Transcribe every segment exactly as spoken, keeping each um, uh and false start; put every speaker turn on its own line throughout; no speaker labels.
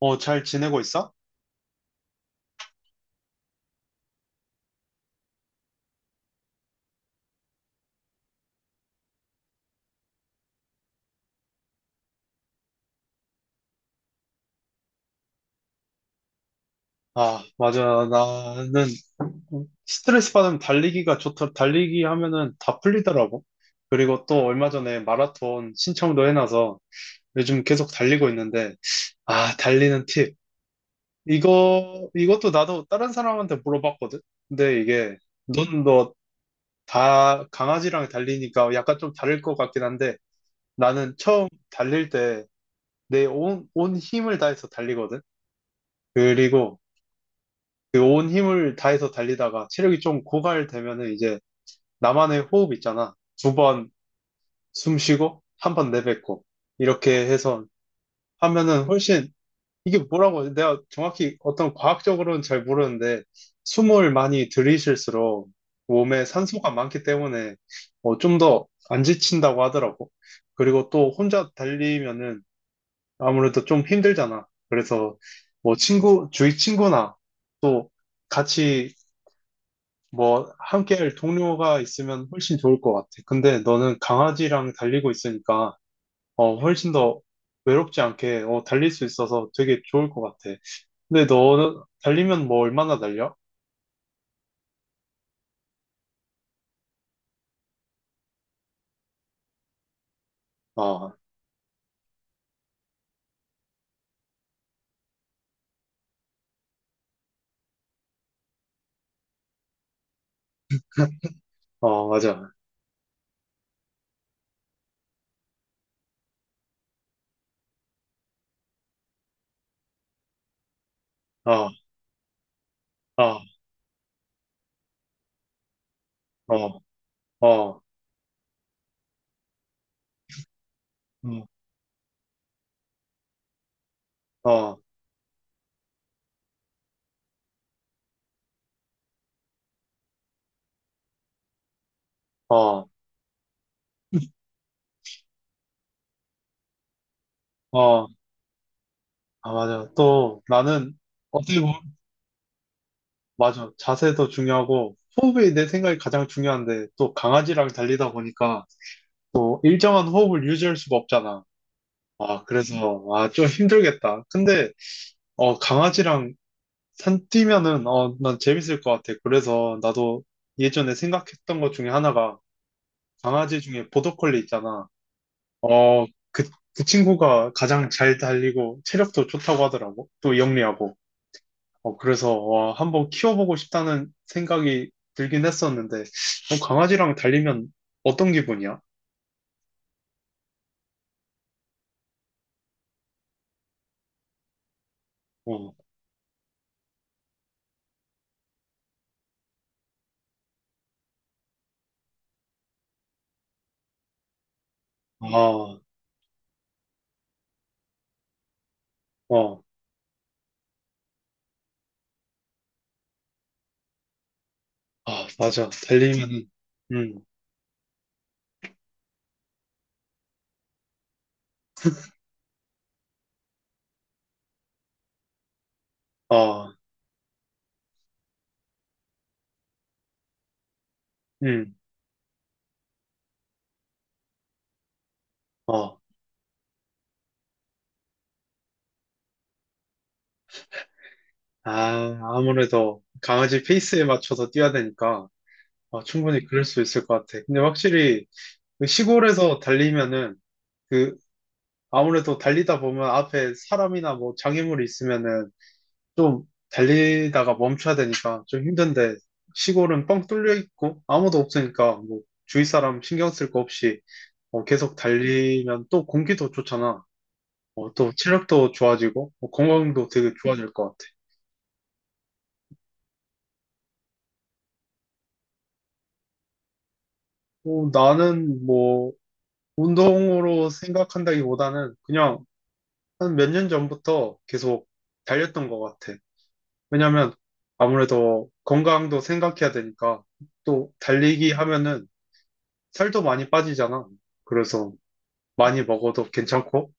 어, 잘 지내고 있어? 아, 맞아. 나는 스트레스 받으면 달리기가 좋더, 달리기 하면은 다 풀리더라고. 그리고 또 얼마 전에 마라톤 신청도 해놔서 요즘 계속 달리고 있는데, 아, 달리는 팁. 이거, 이것도 나도 다른 사람한테 물어봤거든? 근데 이게, 넌 너 다 강아지랑 달리니까 약간 좀 다를 것 같긴 한데, 나는 처음 달릴 때 내 온, 온 힘을 다해서 달리거든? 그리고 그 온 힘을 다해서 달리다가 체력이 좀 고갈되면은 이제 나만의 호흡 있잖아. 두 번 숨 쉬고, 한 번 내뱉고. 이렇게 해서 하면은 훨씬, 이게 뭐라고, 하지? 내가 정확히 어떤 과학적으로는 잘 모르는데, 숨을 많이 들이쉴수록 몸에 산소가 많기 때문에 어, 좀더 안 지친다고 하더라고. 그리고 또 혼자 달리면은 아무래도 좀 힘들잖아. 그래서 뭐 친구, 주위 친구나 또 같이 뭐, 함께 할 동료가 있으면 훨씬 좋을 것 같아. 근데 너는 강아지랑 달리고 있으니까, 어, 훨씬 더 외롭지 않게, 어, 달릴 수 있어서 되게 좋을 것 같아. 근데 너는 달리면 뭐 얼마나 달려? 어, 어, 맞아. 어, 어, 어, 어, 음, 어, 어, 어, 아, 맞아. 또 나는 어떻게 보면, 맞아. 자세도 중요하고, 호흡이 내 생각이 가장 중요한데, 또 강아지랑 달리다 보니까, 또 일정한 호흡을 유지할 수가 없잖아. 아, 그래서, 아, 좀 힘들겠다. 근데, 어, 강아지랑 산 뛰면은, 어, 난 재밌을 것 같아. 그래서 나도 예전에 생각했던 것 중에 하나가, 강아지 중에 보더콜리 있잖아. 어, 그, 그 친구가 가장 잘 달리고, 체력도 좋다고 하더라고. 또 영리하고. 어, 그래서, 와, 한번 키워보고 싶다는 생각이 들긴 했었는데, 어, 강아지랑 달리면 어떤 기분이야? 어, 아, 어, 아, 맞아. 달리면은, 음, 아, 음. 어, 아, 아무래도 강아지 페이스에 맞춰서 뛰어야 되니까 어, 충분히 그럴 수 있을 것 같아. 근데 확실히 그 시골에서 달리면은 그 아무래도 달리다 보면 앞에 사람이나 뭐 장애물이 있으면은 좀 달리다가 멈춰야 되니까 좀 힘든데 시골은 뻥 뚫려 있고 아무도 없으니까 뭐 주위 사람 신경 쓸 거 없이 어, 계속 달리면 또 공기도 좋잖아. 어, 또 체력도 좋아지고 뭐 건강도 되게 좋아질 것 같아. 어, 나는 뭐 운동으로 생각한다기보다는 그냥 한 몇 년 전부터 계속 달렸던 것 같아. 왜냐면 아무래도 건강도 생각해야 되니까 또 달리기 하면은 살도 많이 빠지잖아. 그래서 많이 먹어도 괜찮고,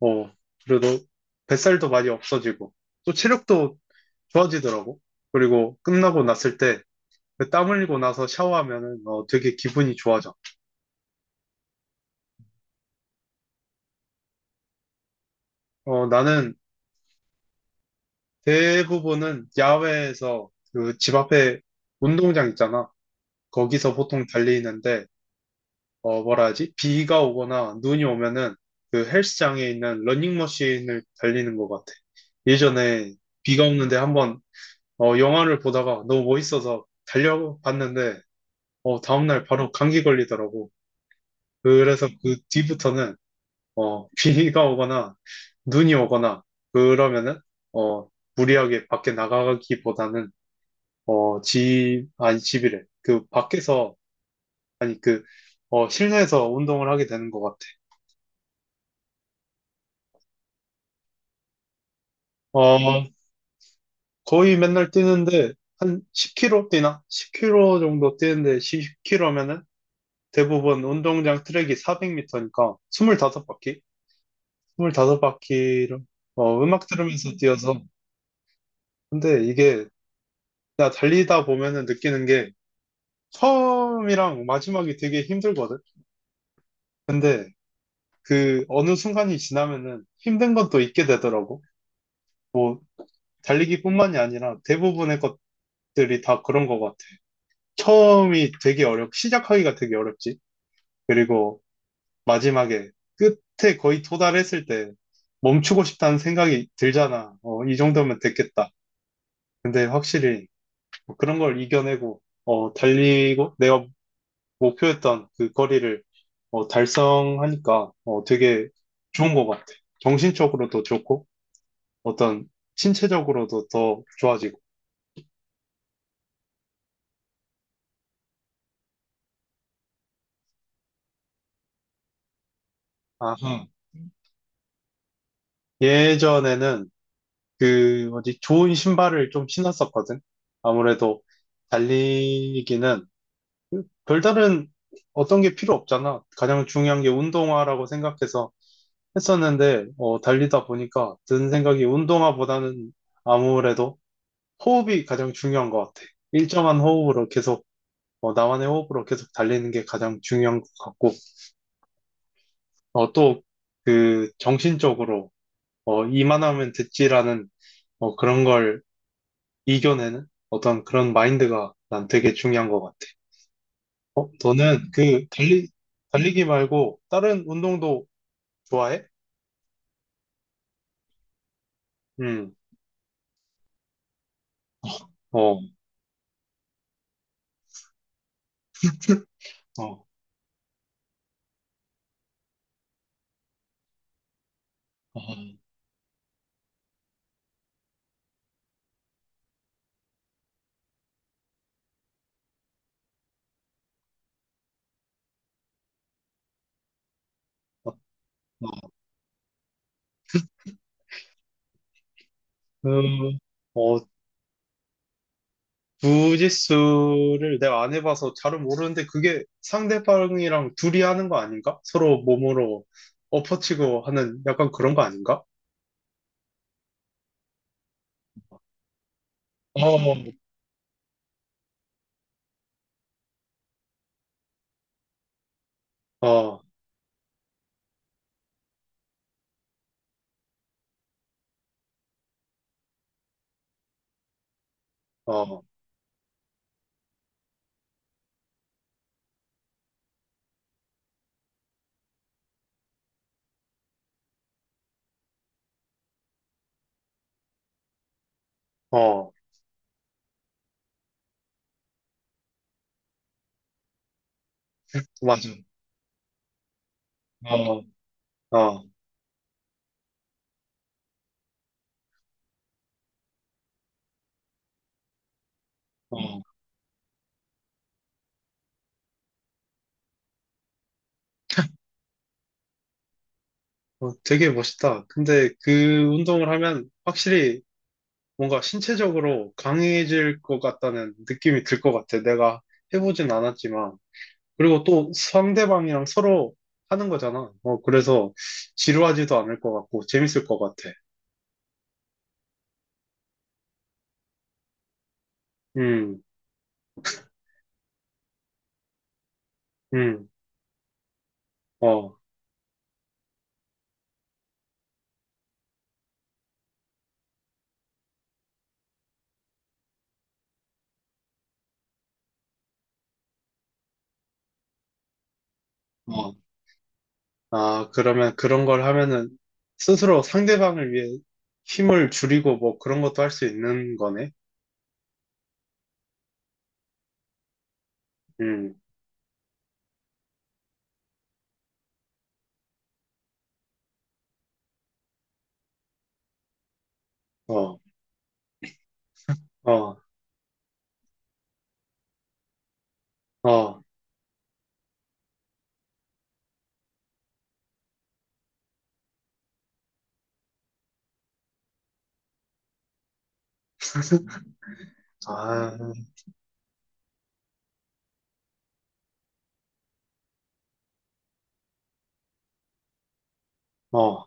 어, 그래도 뱃살도 많이 없어지고, 또 체력도 좋아지더라고. 그리고 끝나고 났을 때 땀 흘리고 나서 샤워하면은 어, 되게 기분이 좋아져. 어, 나는 대부분은 야외에서 그 집 앞에 운동장 있잖아. 거기서 보통 달리는데, 어, 뭐라 하지? 비가 오거나 눈이 오면은 그 헬스장에 있는 러닝머신을 달리는 것 같아. 예전에 비가 오는데 한번 어, 영화를 보다가 너무 멋있어서 달려봤는데, 어, 다음날 바로 감기 걸리더라고. 그래서 그 뒤부터는 어, 비가 오거나 눈이 오거나 그러면은 어, 무리하게 밖에 나가기보다는 어, 집, 아니, 집이래. 그, 밖에서, 아니, 그, 어, 실내에서 운동을 하게 되는 것 같아. 어, 거의 맨날 뛰는데, 한 십 킬로미터 뛰나? 십 킬로미터 정도 뛰는데, 십 킬로미터면은 대부분 운동장 트랙이 사백 미터니까, 스물다섯 바퀴? 스물다섯 바퀴를, 어, 음악 들으면서 뛰어서. 근데 이게, 나 달리다 보면은 느끼는 게, 처음이랑 마지막이 되게 힘들거든? 근데, 그, 어느 순간이 지나면은 힘든 건 또 잊게 되더라고. 뭐 달리기뿐만이 아니라 대부분의 것들이 다 그런 것 같아. 처음이 되게 어렵, 시작하기가 되게 어렵지. 그리고 마지막에 끝에 거의 도달했을 때 멈추고 싶다는 생각이 들잖아. 어, 이 정도면 됐겠다. 근데 확실히 뭐 그런 걸 이겨내고 어, 달리고 내가 목표했던 그 거리를 어, 달성하니까 어, 되게 좋은 것 같아. 정신적으로도 좋고 어떤 신체적으로도 더 좋아지고. 아하. 예전에는 그 뭐지 좋은 신발을 좀 신었었거든. 아무래도 달리기는 별다른 어떤 게 필요 없잖아. 가장 중요한 게 운동화라고 생각해서 했었는데 어, 달리다 보니까 든 생각이 운동화보다는 아무래도 호흡이 가장 중요한 것 같아. 일정한 호흡으로 계속 어, 나만의 호흡으로 계속 달리는 게 가장 중요한 것 같고 어, 또그 정신적으로 어, 이만하면 됐지라는 어, 그런 걸 이겨내는 어떤 그런 마인드가 난 되게 중요한 것 같아. 어, 너는 그 달리, 달리기 말고 다른 운동도 좋아해? 응, 어, 어, 어, 어, 어. 음, 어, 주짓수를 내가 안 해봐서 잘은 모르는데 그게 상대방이랑 둘이 하는 거 아닌가? 서로 몸으로 엎어치고 하는 약간 그런 거 아닌가? 어, 어, 어, 어, 맞아. 어, 어, 어. 어, 되게 멋있다. 근데 그 운동을 하면 확실히 뭔가 신체적으로 강해질 것 같다는 느낌이 들 것 같아. 내가 해보진 않았지만. 그리고 또 상대방이랑 서로 하는 거잖아. 어, 그래서 지루하지도 않을 것 같고 재밌을 것 같아. 음, 음, 어, 어. 아, 그러면 그런 걸 하면은 스스로 상대방을 위해 힘을 줄이고 뭐 그런 것도 할 수 있는 거네. 음, 어, 어, 어, 아, 어.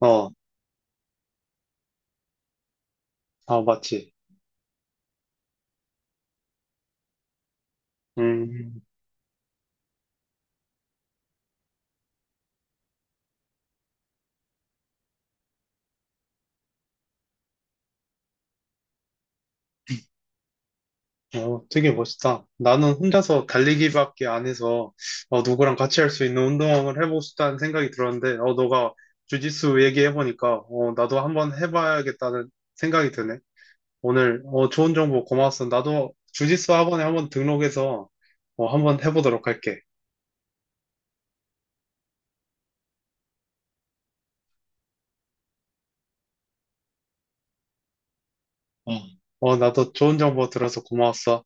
어. 아, 맞지. 음, 어, 되게 멋있다. 나는 혼자서 달리기밖에 안 해서, 어, 누구랑 같이 할 수 있는 운동을 해보고 싶다는 생각이 들었는데, 어, 너가 주짓수 얘기해보니까, 어, 나도 한번 해봐야겠다는 생각이 드네. 오늘, 어, 좋은 정보 고마웠어. 나도 주짓수 학원에 한번 등록해서, 어, 한번 해보도록 할게. 어, 어, 나도 좋은 정보 들어서 고마웠어.